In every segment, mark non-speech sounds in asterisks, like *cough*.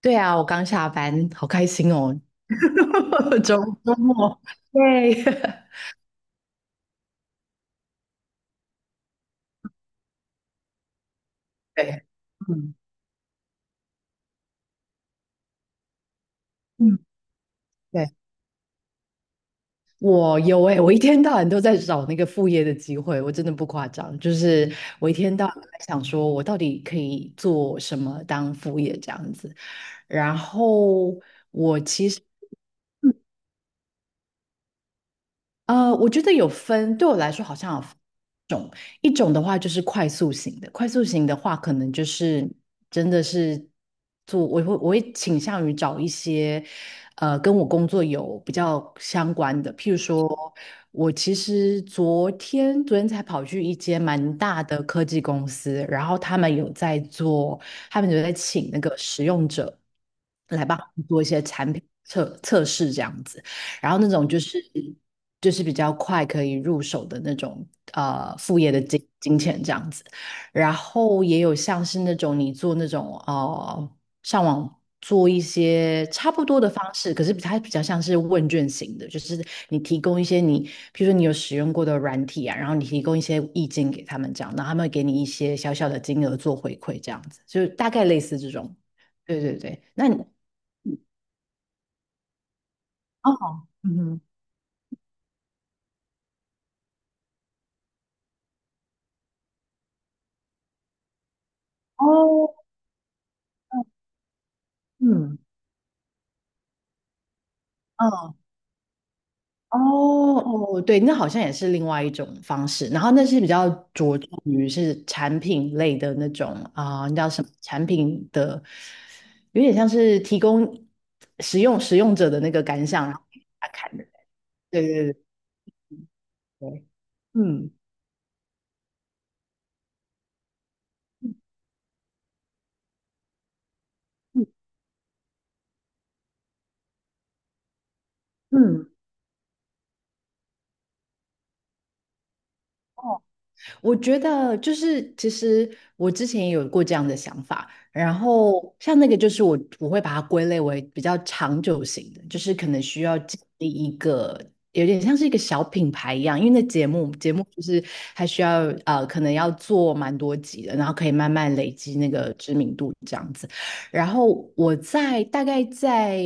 对啊，我刚下班，好开心哦，*laughs* 周周末，对 *laughs* 对，嗯嗯，对，我有哎，我一天到晚都在找那个副业的机会，我真的不夸张，就是我一天到晚在想说，我到底可以做什么当副业这样子，然后我其实。嗯我觉得有分，对我来说好像有分一种的话就是快速型的，快速型的话，可能就是真的是做，我会倾向于找一些，跟我工作有比较相关的，譬如说，我其实昨天才跑去一间蛮大的科技公司，然后他们有在请那个使用者来帮他们做一些产品测试这样子。然后那种就是比较快可以入手的那种副业的金钱这样子，然后也有像是那种你做那种上网做一些差不多的方式，可是它比较像是问卷型的，就是你提供一些比如说你有使用过的软体啊，然后你提供一些意见给他们这样，然后他们会给你一些小小的金额做回馈这样子，就是大概类似这种。对对对，那你哦，嗯哼，哦，嗯。嗯，哦哦，对，那好像也是另外一种方式。然后那是比较着重于是产品类的那种啊，那叫什么产品的，有点像是提供使用者的那个感想，然后给大家看的。对对对对，嗯嗯嗯，哦我觉得就是，其实我之前也有过这样的想法，然后像那个就是我会把它归类为比较长久型的，就是可能需要建立一个有点像是一个小品牌一样，因为那节目就是还需要可能要做蛮多集的，然后可以慢慢累积那个知名度这样子。然后我大概在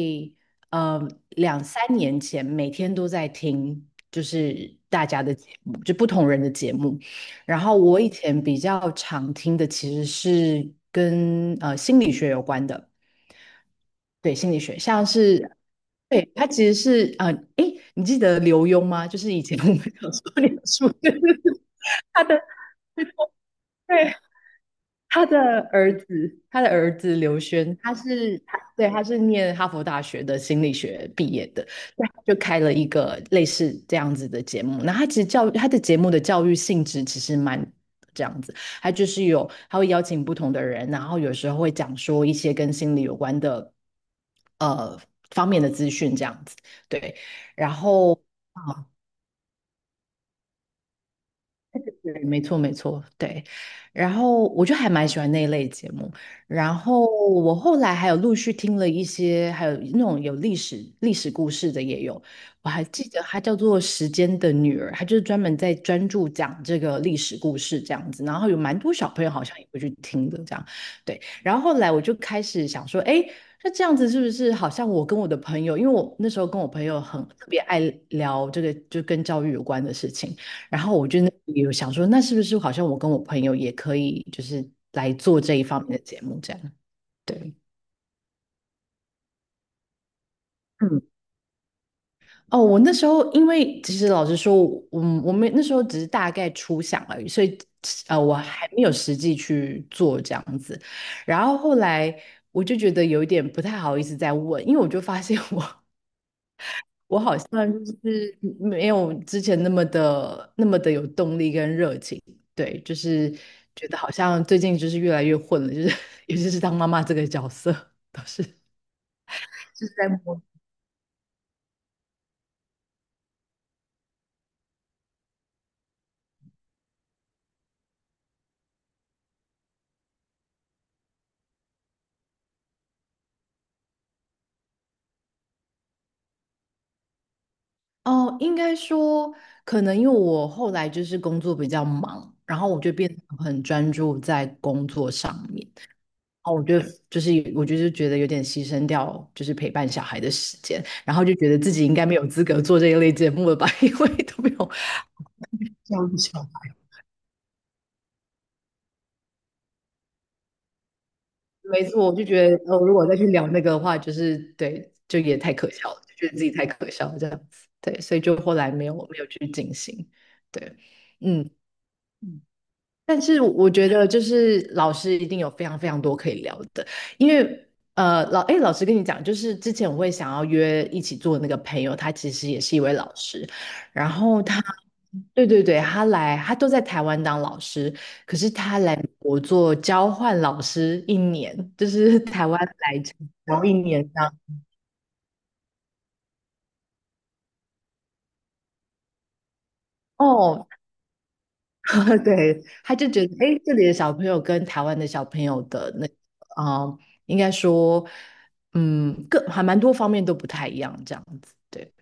呃两三年前，每天都在听就是大家的节目，就不同人的节目。然后我以前比较常听的其实是跟心理学有关的，对，心理学像是，对，它其实是诶，你记得刘墉吗？就是以前我们讲说脸书，*laughs* 他的对他的儿子，他的儿子刘轩，他,对，他是念哈佛大学的心理学毕业的，所以他就开了一个类似这样子的节目。那他其实教他的节目的教育性质其实蛮这样子，他就是有他会邀请不同的人，然后有时候会讲说一些跟心理有关的呃方面的资讯这样子，对，然后。啊对，没错，没错，对。然后我就还蛮喜欢那一类节目。然后我后来还有陆续听了一些，还有那种有历史故事的也有。我还记得它叫做《时间的女儿》，它就是专门在专注讲这个历史故事这样子。然后有蛮多小朋友好像也会去听的这样。对。然后后来我就开始想说，哎，那这样子是不是好像我跟我的朋友，因为我那时候跟我朋友很特别爱聊这个就跟教育有关的事情。然后我就那有想说，那是不是好像我跟我朋友也可以，就是来做这一方面的节目这样？对，嗯，哦，我那时候因为其实老实说，嗯，我们那时候只是大概初想而已，所以我还没有实际去做这样子。然后后来我就觉得有一点不太好意思再问，因为我就发现我不然就是没有之前那么的有动力跟热情，对，就是觉得好像最近就是越来越混了，就是 *laughs* 尤其是当妈妈这个角色，都是就是在摸。哦，应该说，可能因为我后来就是工作比较忙，然后我就变得很专注在工作上面，然后我就是觉得有点牺牲掉就是陪伴小孩的时间，然后就觉得自己应该没有资格做这一类节目了吧，*laughs* 因为都没有。要求。没错，我就觉得，如果再去聊那个的话，就是对，就也太可笑了，就觉得自己太可笑了这样子，对，所以就后来没有去进行，对，嗯。但是我觉得，就是老师一定有非常非常多可以聊的，因为老师跟你讲，就是之前我会想要约一起做的那个朋友，他其实也是一位老师，然后对对对，他都在台湾当老师，可是他来美国做交换老师一年，就是 *laughs* 台湾来台湾一年这样。哦，*laughs* 对，他就觉得，哎，这里的小朋友跟台湾的小朋友的那个，嗯，应该说，嗯，各还蛮多方面都不太一样，这样子，对，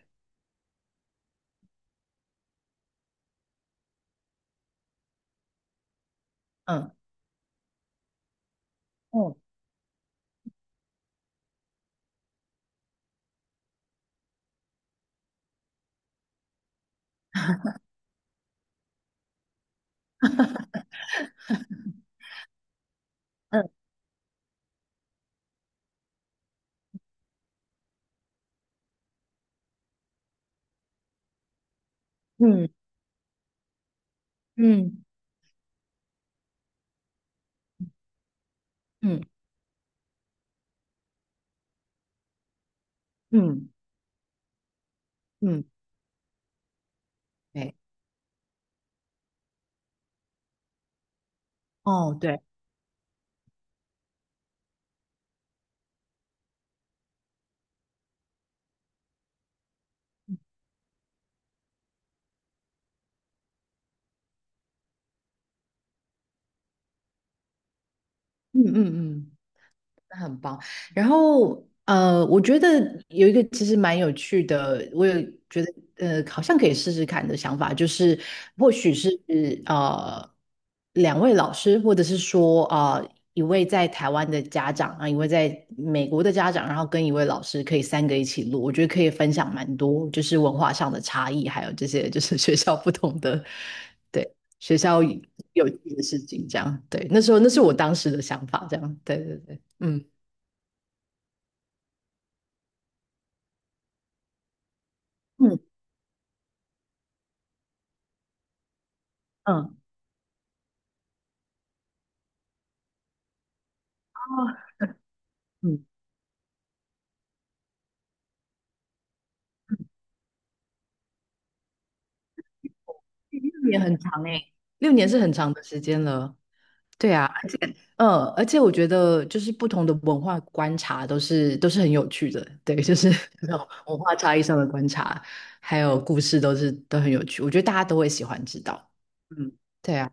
嗯，嗯哦，嗯嗯嗯嗯嗯嗯，对，哦，对，嗯嗯嗯。那很棒。然后我觉得有一个其实蛮有趣的，我有觉得好像可以试试看的想法，就是或许是呃两位老师，或者是说一位在台湾的家长啊，一位在美国的家长，然后跟一位老师可以3个一起录，我觉得可以分享蛮多，就是文化上的差异，还有这些就是 *laughs* 学校不同的，对，学校有趣的事情，这样，对，那时候那是我当时的想法，这样，对对对。嗯。嗯嗯哦，嗯，6年很长哎，6年是很长的时间了。对啊，嗯，而且我觉得就是不同的文化观察都是很有趣的，对，就是 *laughs* 那种文化差异上的观察，还有故事都很有趣，我觉得大家都会喜欢知道。嗯，对啊，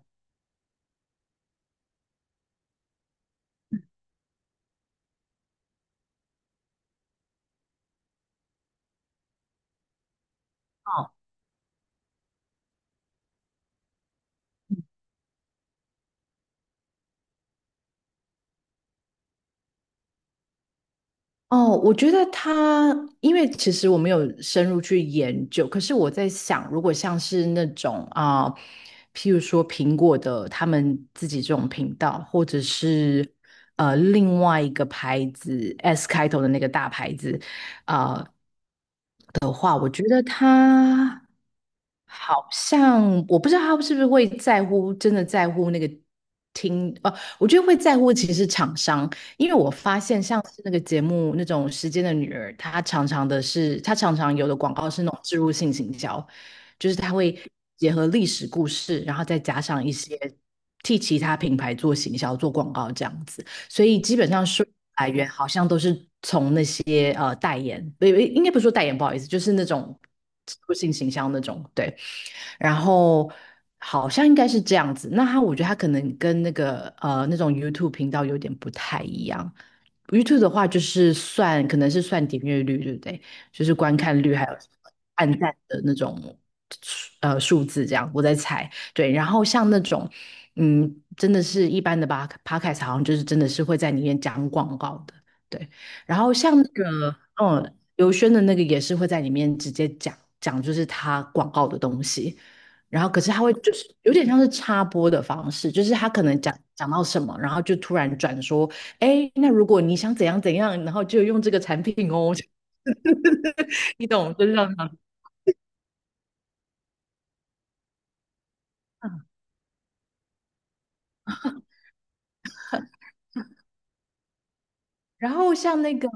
哦。哦，我觉得它，因为其实我没有深入去研究，可是我在想，如果像是那种啊、譬如说苹果的他们自己这种频道，或者是另外一个牌子 S 开头的那个大牌子，啊、的话，我觉得它。好像我不知道他是不是会在乎，真的在乎那个听，我觉得会在乎其实厂商，因为我发现像是那个节目那种《时间的女儿》，她常常有的广告是那种植入性行销，就是她会结合历史故事，然后再加上一些替其他品牌做行销、做广告这样子，所以基本上收入来源好像都是接代言，不，应该不是说代言，不好意思，就是那种植入性行销那种，对。然后好像应该是这样子。我觉得他可能跟那个那种 YouTube 频道有点不太一样。YouTube 的话就是可能是算点阅率，对不对？就是观看率还有按赞的那种数字这样，我在猜。对，然后像那种真的是一般的吧 Podcast 好像就是真的是会在里面讲广告的，对。然后像那个刘轩的那个也是会在里面直接讲，就是他广告的东西，然后可是他会就是有点像是插播的方式，就是他可能讲到什么，然后就突然转说，哎，那如果你想怎样怎样，然后就用这个产品哦，*laughs* 你懂，就是这样子。然后像那个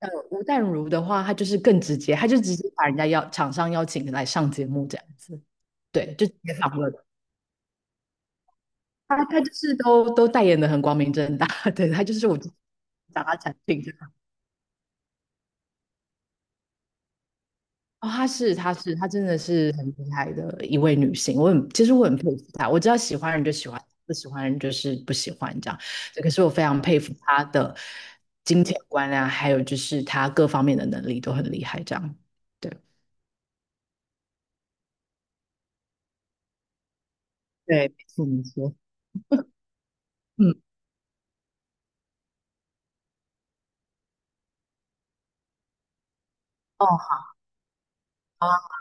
吴淡如的话，他就是更直接，他就直接把人家厂商邀请来上节目这样子，对，就直接访问他，他就是都代言的很光明正大，*laughs* 对，他就是我讲他产品这样哦，她真的是很厉害的一位女性。其实我很佩服她。我知道喜欢人就喜欢，不喜欢人就是不喜欢这样。可是我非常佩服她的金钱观啊，还有就是她各方面的能力都很厉害。这样，对对，没错没错。嗯，哦，好。